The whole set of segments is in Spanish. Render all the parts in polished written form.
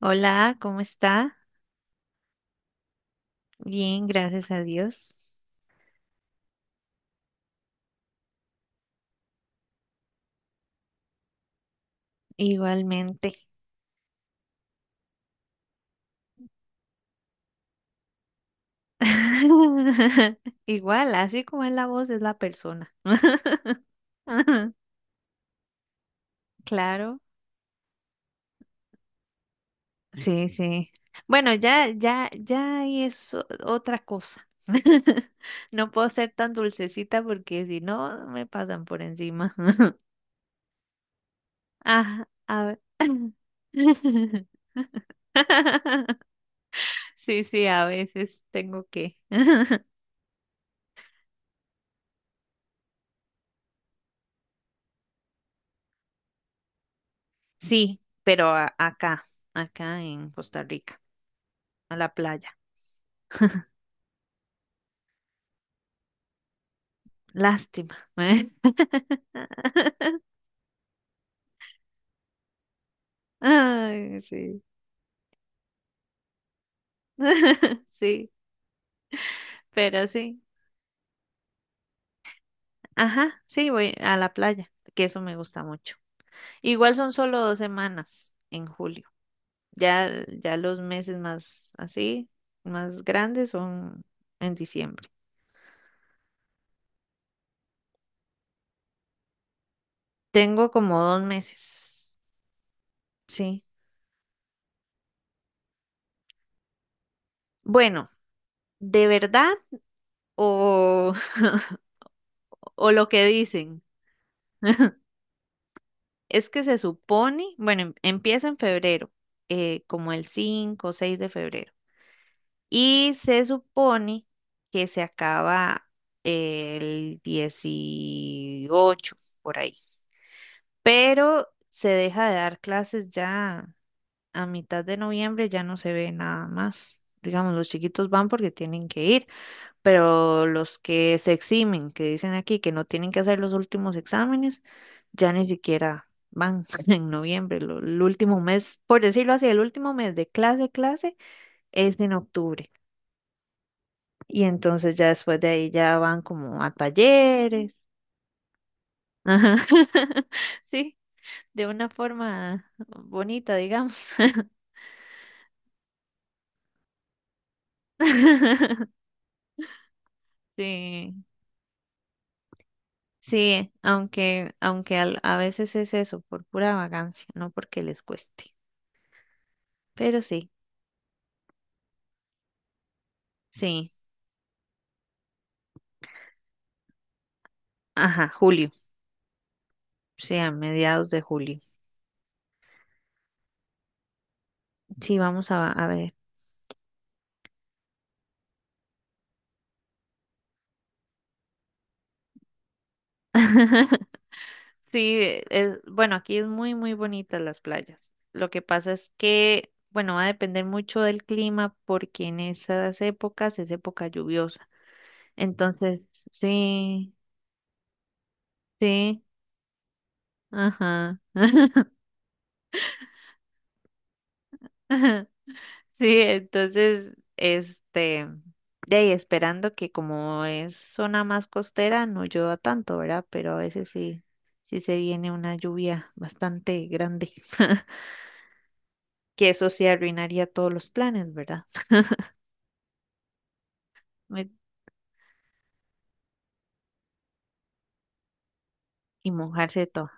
Hola, ¿cómo está? Bien, gracias a Dios. Igualmente. Igual, así como es la voz, es la persona. Claro, sí, sí. Bueno, ya, ya, ya ahí es otra cosa. No puedo ser tan dulcecita porque si no, me pasan por encima. Ah, a ver. Sí, sí, a veces tengo que. Sí, pero acá en Costa Rica. A la playa. Lástima. ¿Eh? Ay, sí. Sí, pero sí. Ajá, sí, voy a la playa, que eso me gusta mucho. Igual son solo 2 semanas en julio. Ya, ya los meses más así, más grandes son en diciembre. Tengo como 2 meses. Sí. Bueno, ¿de verdad o, o lo que dicen? Es que se supone, bueno, empieza en febrero, como el 5 o 6 de febrero. Y se supone que se acaba el 18 por ahí. Pero se deja de dar clases ya a mitad de noviembre, ya no se ve nada más. Digamos, los chiquitos van porque tienen que ir, pero los que se eximen, que dicen aquí que no tienen que hacer los últimos exámenes, ya ni siquiera van en noviembre. El último mes, por decirlo así, el último mes de clase es en octubre. Y entonces ya después de ahí ya van como a talleres. Ajá. Sí, de una forma bonita, digamos. Sí. Sí, aunque a veces es eso, por pura vagancia, no porque les cueste. Pero sí. Sí, ajá, julio, sí, a mediados de julio. Sí, vamos a ver. Sí, es, bueno, aquí es muy, muy bonitas las playas. Lo que pasa es que, bueno, va a depender mucho del clima porque en esas épocas es época lluviosa. Entonces, sí, sí, ajá. Sí, entonces, este, de ahí esperando que como es zona más costera, no llueva tanto, ¿verdad? Pero a veces sí, sí se viene una lluvia bastante grande, que eso sí arruinaría todos los planes, ¿verdad? Me- Y mojarse todo.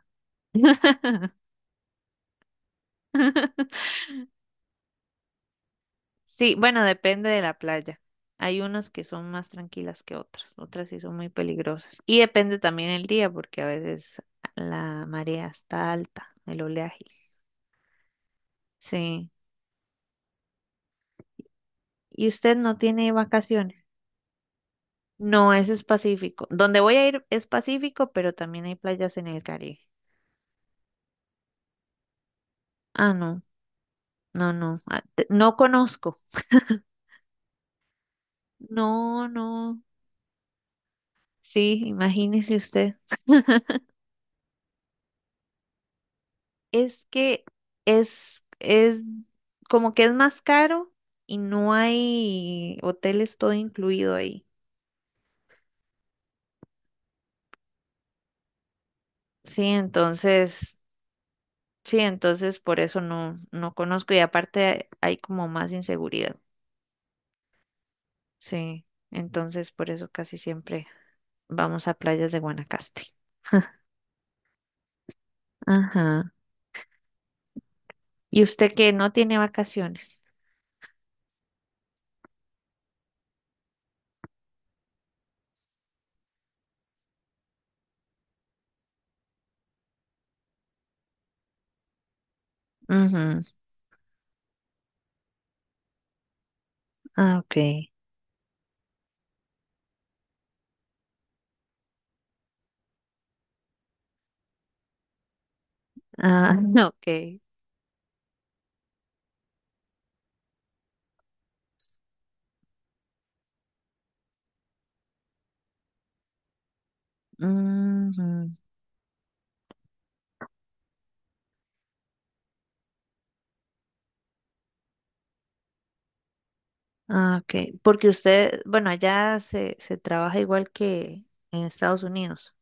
Sí, bueno, depende de la playa. Hay unas que son más tranquilas que otras, otras sí son muy peligrosas. Y depende también el día, porque a veces la marea está alta, el oleaje. Sí. Y usted no tiene vacaciones. No, ese es Pacífico. Donde voy a ir es Pacífico, pero también hay playas en el Caribe. Ah, no, no, no, ah, no conozco. No, no, sí, imagínese usted. Es que es como que es más caro y no hay hoteles todo incluido ahí. Sí, entonces, sí, entonces por eso no conozco y aparte hay como más inseguridad. Sí, entonces por eso casi siempre vamos a playas de Guanacaste. Ajá. ¿Y usted que no tiene vacaciones? Ujú. Ah, ok. Ah, ok. Ujú. Ah, ok. Porque usted, bueno, allá se trabaja igual que en Estados Unidos.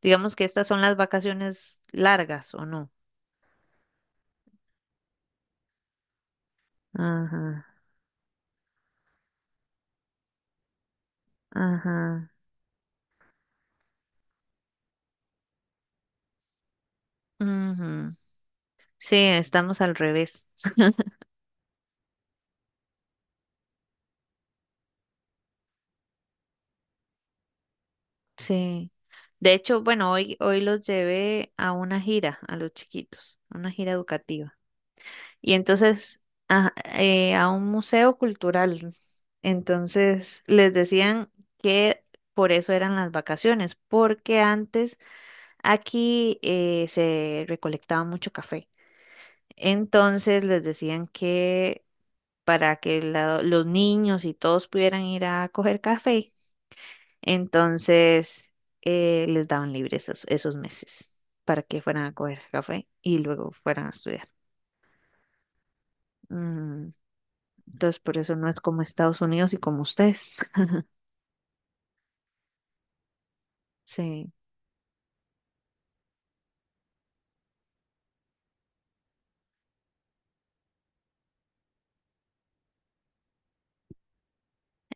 Digamos que estas son las vacaciones largas, ¿o no? Ajá, ajá. Ujú. Sí, estamos al revés. Sí. De hecho, bueno, hoy los llevé a una gira, a los chiquitos, a una gira educativa. Y entonces, a, a un museo cultural. Entonces, les decían que por eso eran las vacaciones, porque antes aquí se recolectaba mucho café. Entonces, les decían que para que los niños y todos pudieran ir a coger café, entonces, les daban libres esos meses para que fueran a coger café y luego fueran a estudiar. Mm, entonces, por eso no es como Estados Unidos y como ustedes. Sí.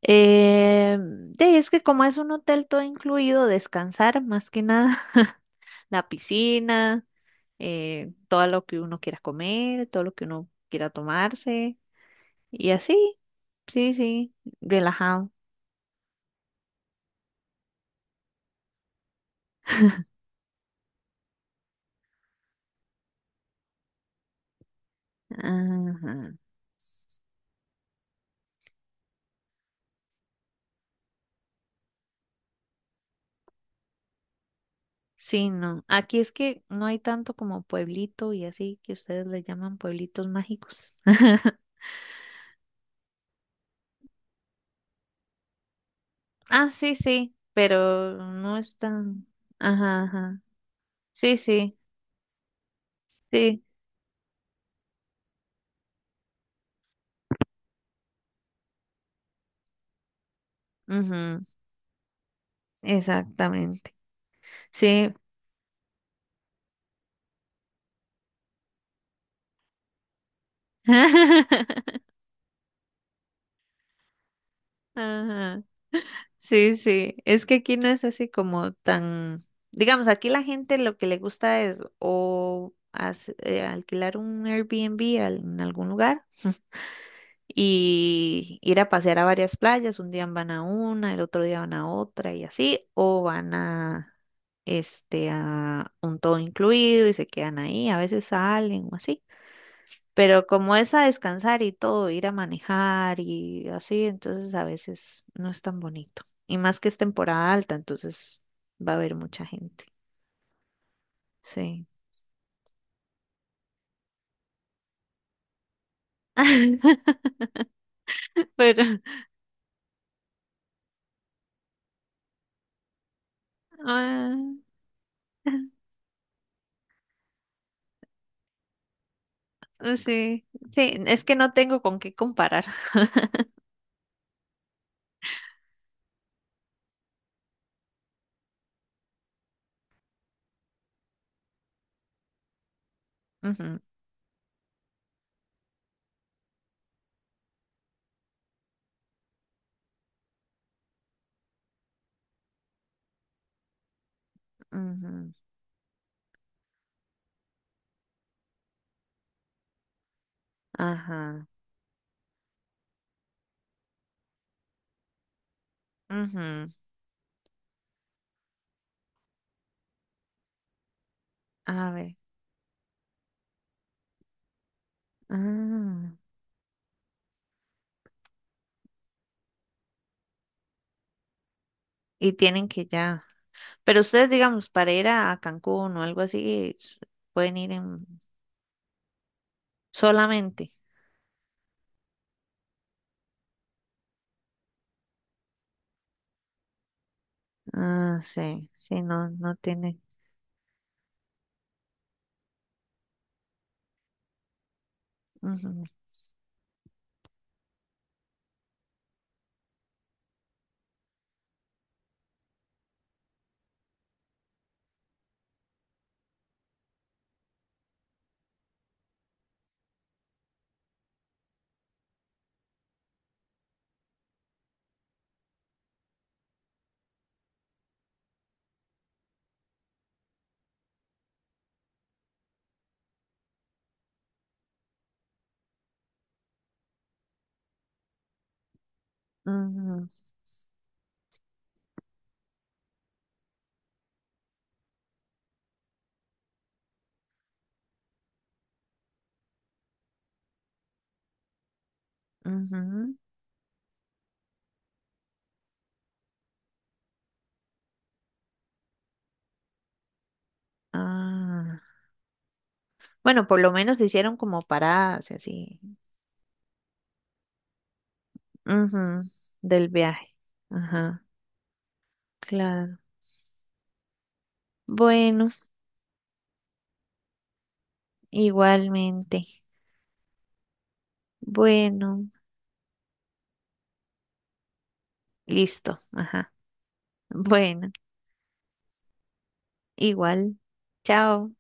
Es que como es un hotel todo incluido, descansar más que nada, la piscina, todo lo que uno quiera comer, todo lo que uno quiera tomarse y así, sí, sí, relajado. Ajá. Sí, no. Aquí es que no hay tanto como pueblito y así que ustedes le llaman pueblitos mágicos. Ah, sí, sí, pero no es tan. Ajá, ajá. Sí, sí, sí. Ujú, exactamente. Sí. Ajá. Sí, sí. Es que aquí no es así como tan. Digamos, aquí la gente lo que le gusta es o alquilar un Airbnb en algún lugar. Y ir a pasear a varias playas. Un día van a una, el otro día van a otra y así, o van a, este, a un todo incluido y se quedan ahí, a veces salen o así. Pero como es a descansar y todo, ir a manejar y así, entonces a veces no es tan bonito. Y más que es temporada alta, entonces va a haber mucha gente. Sí. Pero, ah, sí, sí, es que no tengo con qué comparar. Ujú, ujú. Ajá. Ujú. A ver. Ah, y tienen que ya. Pero ustedes, digamos, para ir a Cancún o algo así, pueden ir en solamente. Ah, sí, sí, no tiene. Ujú, ujú, ujú. Ah. Bueno, por lo menos hicieron como paradas y así. Ujú, del viaje. Ajá, claro. Bueno, igualmente. Bueno, listo. Ajá. Bueno. Igual. Chao.